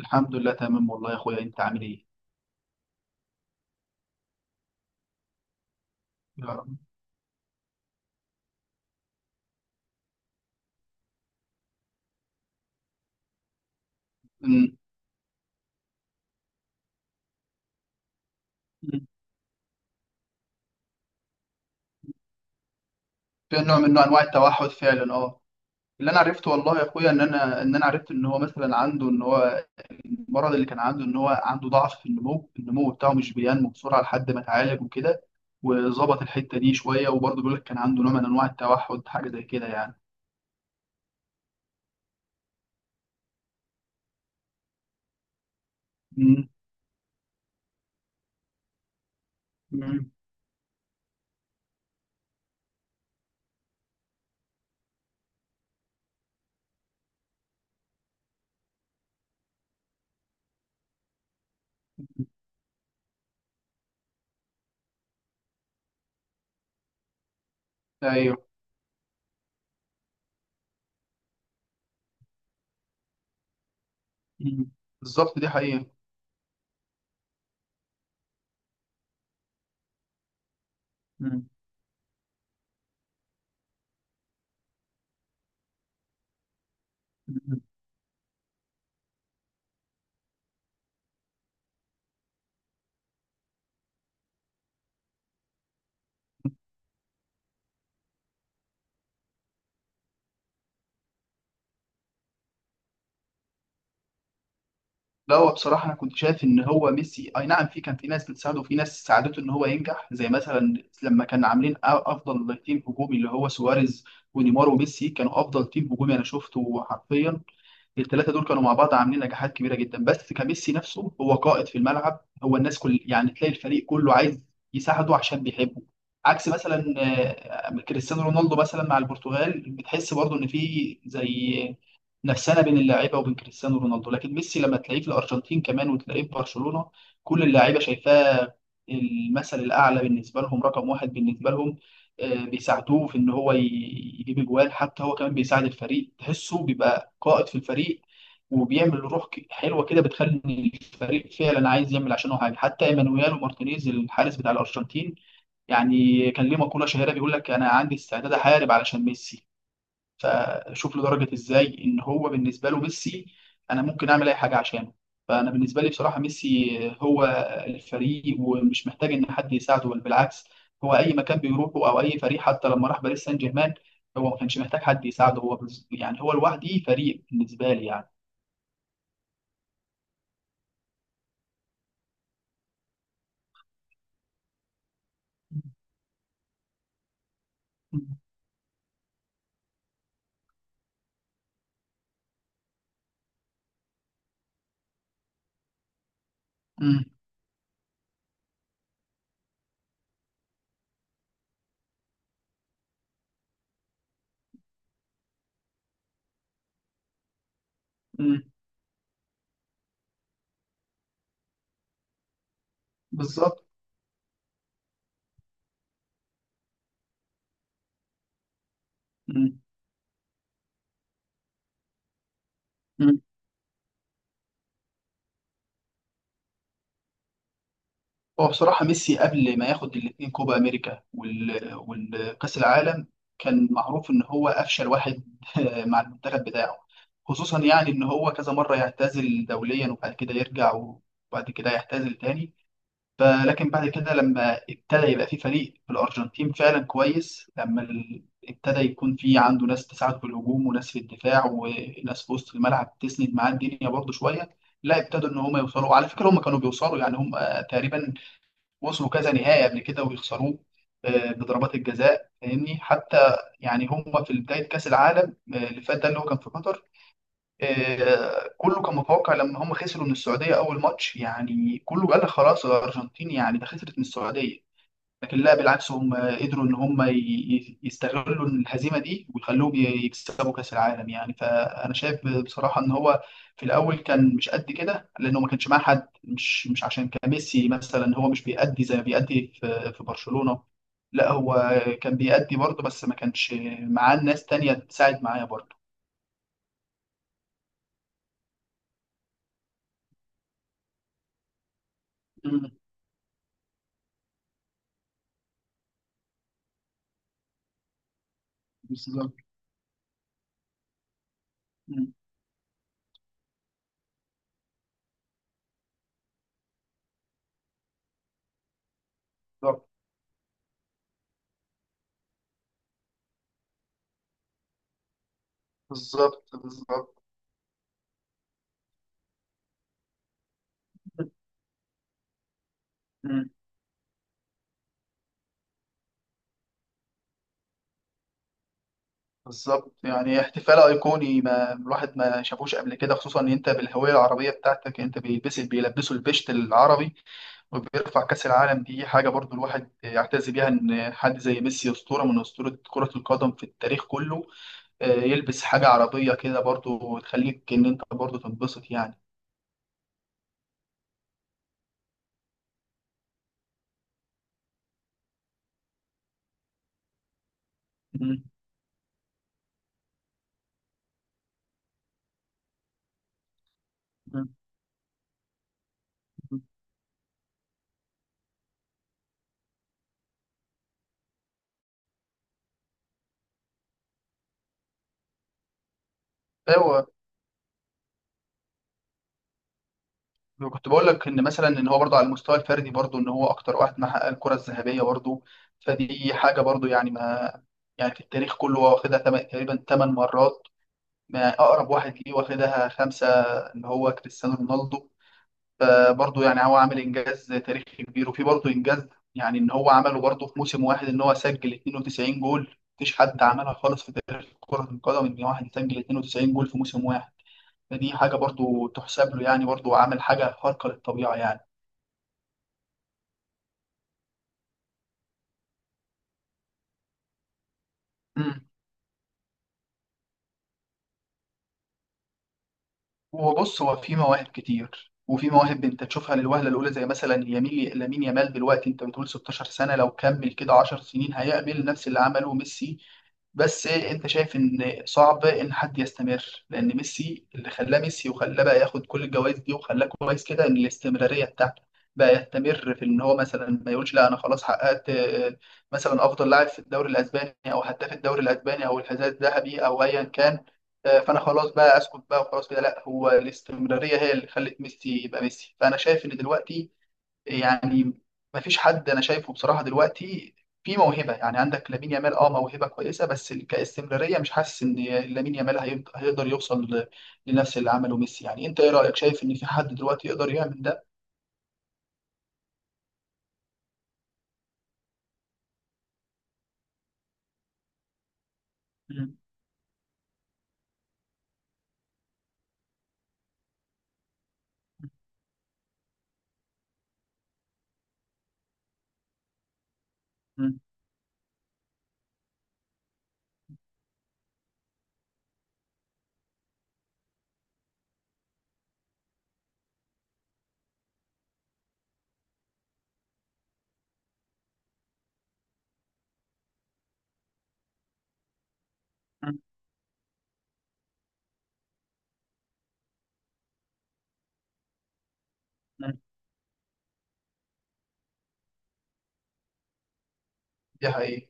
الحمد لله، تمام والله يا اخويا. انت عامل ايه؟ يا رب. أمم، أمم. في نوع من انواع التوحد فعلا اه. اللي انا عرفته والله يا اخويا ان انا عرفت ان هو مثلا عنده، ان هو المرض اللي كان عنده، ان هو عنده ضعف في النمو بتاعه، مش بينمو بسرعه لحد ما اتعالج وكده، وظبط الحته دي شويه. وبرضه بيقول لك كان عنده نوع من انواع التوحد، حاجه زي كده يعني. أمم، أمم، أمم. ايوه. أمم. بالظبط، دي حقيقه. أمم. لا، هو بصراحة أنا كنت شايف إن هو ميسي أي نعم، في كان في ناس بتساعده وفي ناس ساعدته إن هو ينجح، زي مثلا لما كان عاملين أفضل تيم هجومي اللي هو سواريز ونيمار وميسي، كانوا أفضل تيم هجومي. أنا شفته حرفيا الثلاثه دول كانوا مع بعض عاملين نجاحات كبيره جدا. بس كميسي نفسه هو قائد في الملعب، هو الناس كل يعني تلاقي الفريق كله عايز يساعده عشان بيحبه. عكس مثلا كريستيانو رونالدو مثلا مع البرتغال، بتحس برضه ان في زي نفسنا بين اللاعيبه وبين كريستيانو رونالدو. لكن ميسي لما تلاقيه في الارجنتين كمان وتلاقيه في برشلونه، كل اللاعيبه شايفاه المثل الاعلى بالنسبه لهم، رقم واحد بالنسبه لهم. بيساعدوه في ان هو يجيب اجوان. حتى هو كمان بيساعد الفريق، تحسه بيبقى قائد في الفريق، وبيعمل روح حلوه كده بتخلي الفريق فعلا عايز يعمل عشانه حاجه. حتى ايمانويل مارتينيز الحارس بتاع الارجنتين يعني كان ليه مقوله شهيره بيقول لك انا عندي استعداد احارب علشان ميسي. فشوف له درجه ازاي ان هو بالنسبه له ميسي، انا ممكن اعمل اي حاجه عشانه. فانا بالنسبه لي بصراحه ميسي هو الفريق، ومش محتاج ان حد يساعده، بل بالعكس، هو اي مكان بيروحه او اي فريق، حتى لما راح باريس سان جيرمان، هو ما كانش محتاج حد يساعده. هو يعني هو لوحده فريق بالنسبه لي يعني. امم، امم. بالظبط. امم. هو بصراحة ميسي قبل ما ياخد الاتنين، كوبا أمريكا والكأس العالم، كان معروف إن هو أفشل واحد مع المنتخب بتاعه، خصوصا يعني إن هو كذا مرة يعتزل دوليا وبعد كده يرجع، وبعد كده يعتزل تاني. فلكن بعد كده لما ابتدى يبقى في فريق في الأرجنتين فعلا كويس، لما ابتدى يكون في عنده ناس تساعد في الهجوم وناس في الدفاع وناس في وسط الملعب تسند معاه الدنيا برضه شوية، لا ابتدوا ان هم يوصلوا. على فكره هم كانوا بيوصلوا يعني، هم تقريبا وصلوا كذا نهائي قبل كده ويخسروه، بضربات الجزاء، فاهمني. حتى يعني هم في بداية كأس العالم اللي فات ده، اللي هو كان في قطر، كله كان متوقع لما هم خسروا من السعودية أول ماتش، يعني كله قال لك خلاص الأرجنتين يعني ده خسرت من السعودية. لكن لا، بالعكس، هم قدروا ان هم يستغلوا الهزيمه دي ويخلوهم يكسبوا كاس العالم يعني. فانا شايف بصراحه ان هو في الاول كان مش قد كده لانه ما كانش معاه حد. مش عشان كان ميسي مثلا هو مش بيأدي زي ما بيأدي في برشلونه، لا، هو كان بيأدي برضه، بس ما كانش معاه ناس تانية تساعد معايا برضه. مم، بالظبط. مم، بالظبط. بالظبط. بالظبط. بالظبط، يعني احتفال ايقوني ما الواحد ما شافوش قبل كده، خصوصا ان انت بالهويه العربيه بتاعتك انت، بيلبسوا البشت العربي وبيرفع كاس العالم. دي حاجه برضو الواحد يعتز بيها، ان حد زي ميسي، اسطوره من اسطوره كره القدم في التاريخ كله، يلبس حاجه عربيه كده برضو، وتخليك ان انت برضو تنبسط يعني. م- م- م. ايوه، كنت بقول لك ان مثلا ان هو برضه على المستوى الفردي برضه ان هو اكتر واحد محقق الكره الذهبيه برضه. فدي حاجه برضه يعني، ما يعني في التاريخ كله هو واخدها تقريبا ثمان مرات. ما اقرب واحد ليه واخدها خمسه، اللي هو كريستيانو رونالدو. فبرضه يعني هو عامل انجاز تاريخي كبير. وفي برضه انجاز يعني ان هو عمله برضه في موسم واحد، ان هو سجل 92 جول. مفيش حد عملها خالص في تاريخ كره القدم ان واحد يسجل 92 جول في موسم واحد. فدي حاجه برضه تحسب له يعني، برضه عمل حاجه خارقه للطبيعه يعني. مم. وبص، هو في مواهب كتير، وفي مواهب انت تشوفها للوهله الاولى، زي مثلا يميل لامين يامال دلوقتي. انت بتقول 16 سنه، لو كمل كده 10 سنين هيعمل نفس اللي عمله ميسي. بس انت شايف ان صعب ان حد يستمر، لان ميسي اللي خلاه ميسي وخلاه بقى ياخد كل الجوائز دي وخلاه كويس كده ان الاستمراريه بتاعته، بقى يستمر في ان هو مثلا ما يقولش لا انا خلاص حققت، مثلا افضل لاعب في الدوري الاسباني او هداف الدوري الاسباني او الحذاء الذهبي او ايا كان، فانا خلاص بقى اسكت بقى وخلاص كده. لا، هو الاستمراريه هي اللي خلت ميسي يبقى ميسي. فانا شايف ان دلوقتي يعني ما فيش حد انا شايفه بصراحه دلوقتي في موهبه، يعني عندك لامين يامال اه موهبه كويسه، بس كاستمراريه مش حاسس ان لامين يامال هيقدر يوصل لنفس اللي عمله ميسي يعني. انت ايه رايك، شايف ان في حد دلوقتي يقدر يعمل ده؟ مم. مم. مم. مم. دي حقيقة.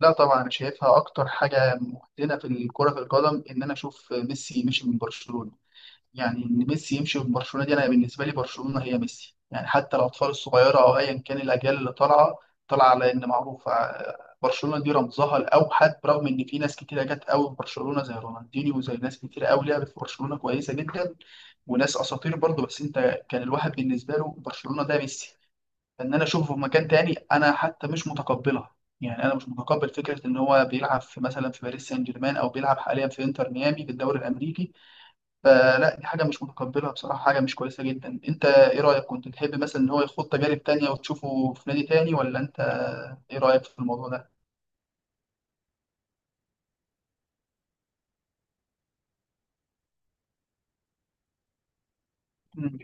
لا طبعا، انا شايفها اكتر حاجه مهدنه في الكره في القدم، ان انا اشوف ميسي مشي من برشلونه. يعني ان ميسي يمشي من برشلونه دي، انا بالنسبه لي برشلونه هي ميسي. يعني حتى الاطفال الصغيره او ايا كان الاجيال اللي طالعه على ان معروفه برشلونه دي رمزها الاوحد، برغم ان في ناس كتيره جت قوي في برشلونه زي رونالدينيو وزي ناس كتير قوي لعبت في برشلونه كويسه جدا، وناس اساطير برضه. بس انت كان الواحد بالنسبه له برشلونه ده ميسي. فان انا اشوفه في مكان تاني انا حتى مش متقبلها. يعني انا مش متقبل فكره ان هو بيلعب في مثلا في باريس سان جيرمان، او بيلعب حاليا في انتر ميامي في الدوري الامريكي. فلا، دي حاجة مش متقبلها بصراحة، حاجة مش كويسة جدا. انت ايه رأيك، كنت تحب مثلا ان هو يخوض تجارب تانية وتشوفه في نادي تاني، ولا انت ايه رأيك في الموضوع ده؟ مم.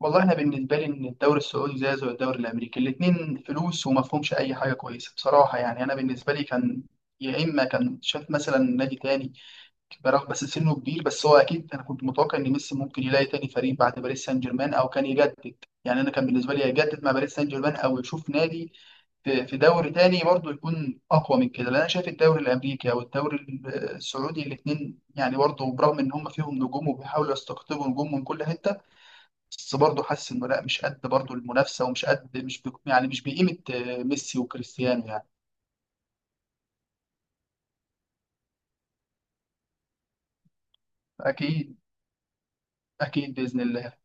والله انا بالنسبة لي ان الدوري السعودي زي الدوري الامريكي، الاتنين فلوس، وما فيهمش اي حاجة كويسة بصراحة. يعني انا بالنسبة لي كان يا اما كان شاف مثلا نادي تاني، برغم بس سنه كبير، بس هو اكيد انا كنت متوقع ان ميسي ممكن يلاقي تاني فريق بعد باريس سان جيرمان، او كان يجدد. يعني انا كان بالنسبه لي يجدد مع باريس سان جيرمان، او يشوف نادي في دوري تاني برضو، يكون اقوى من كده. لان انا شايف الدوري الامريكي او الدوري السعودي، الاثنين يعني برضو برغم ان هم فيهم نجوم وبيحاولوا يستقطبوا نجوم من كل حته، بس برضو حاسس انه لا، مش قد برضو المنافسه، ومش قد، مش بي يعني، مش بقيمه ميسي وكريستيانو يعني. اكيد. اكيد باذن الله.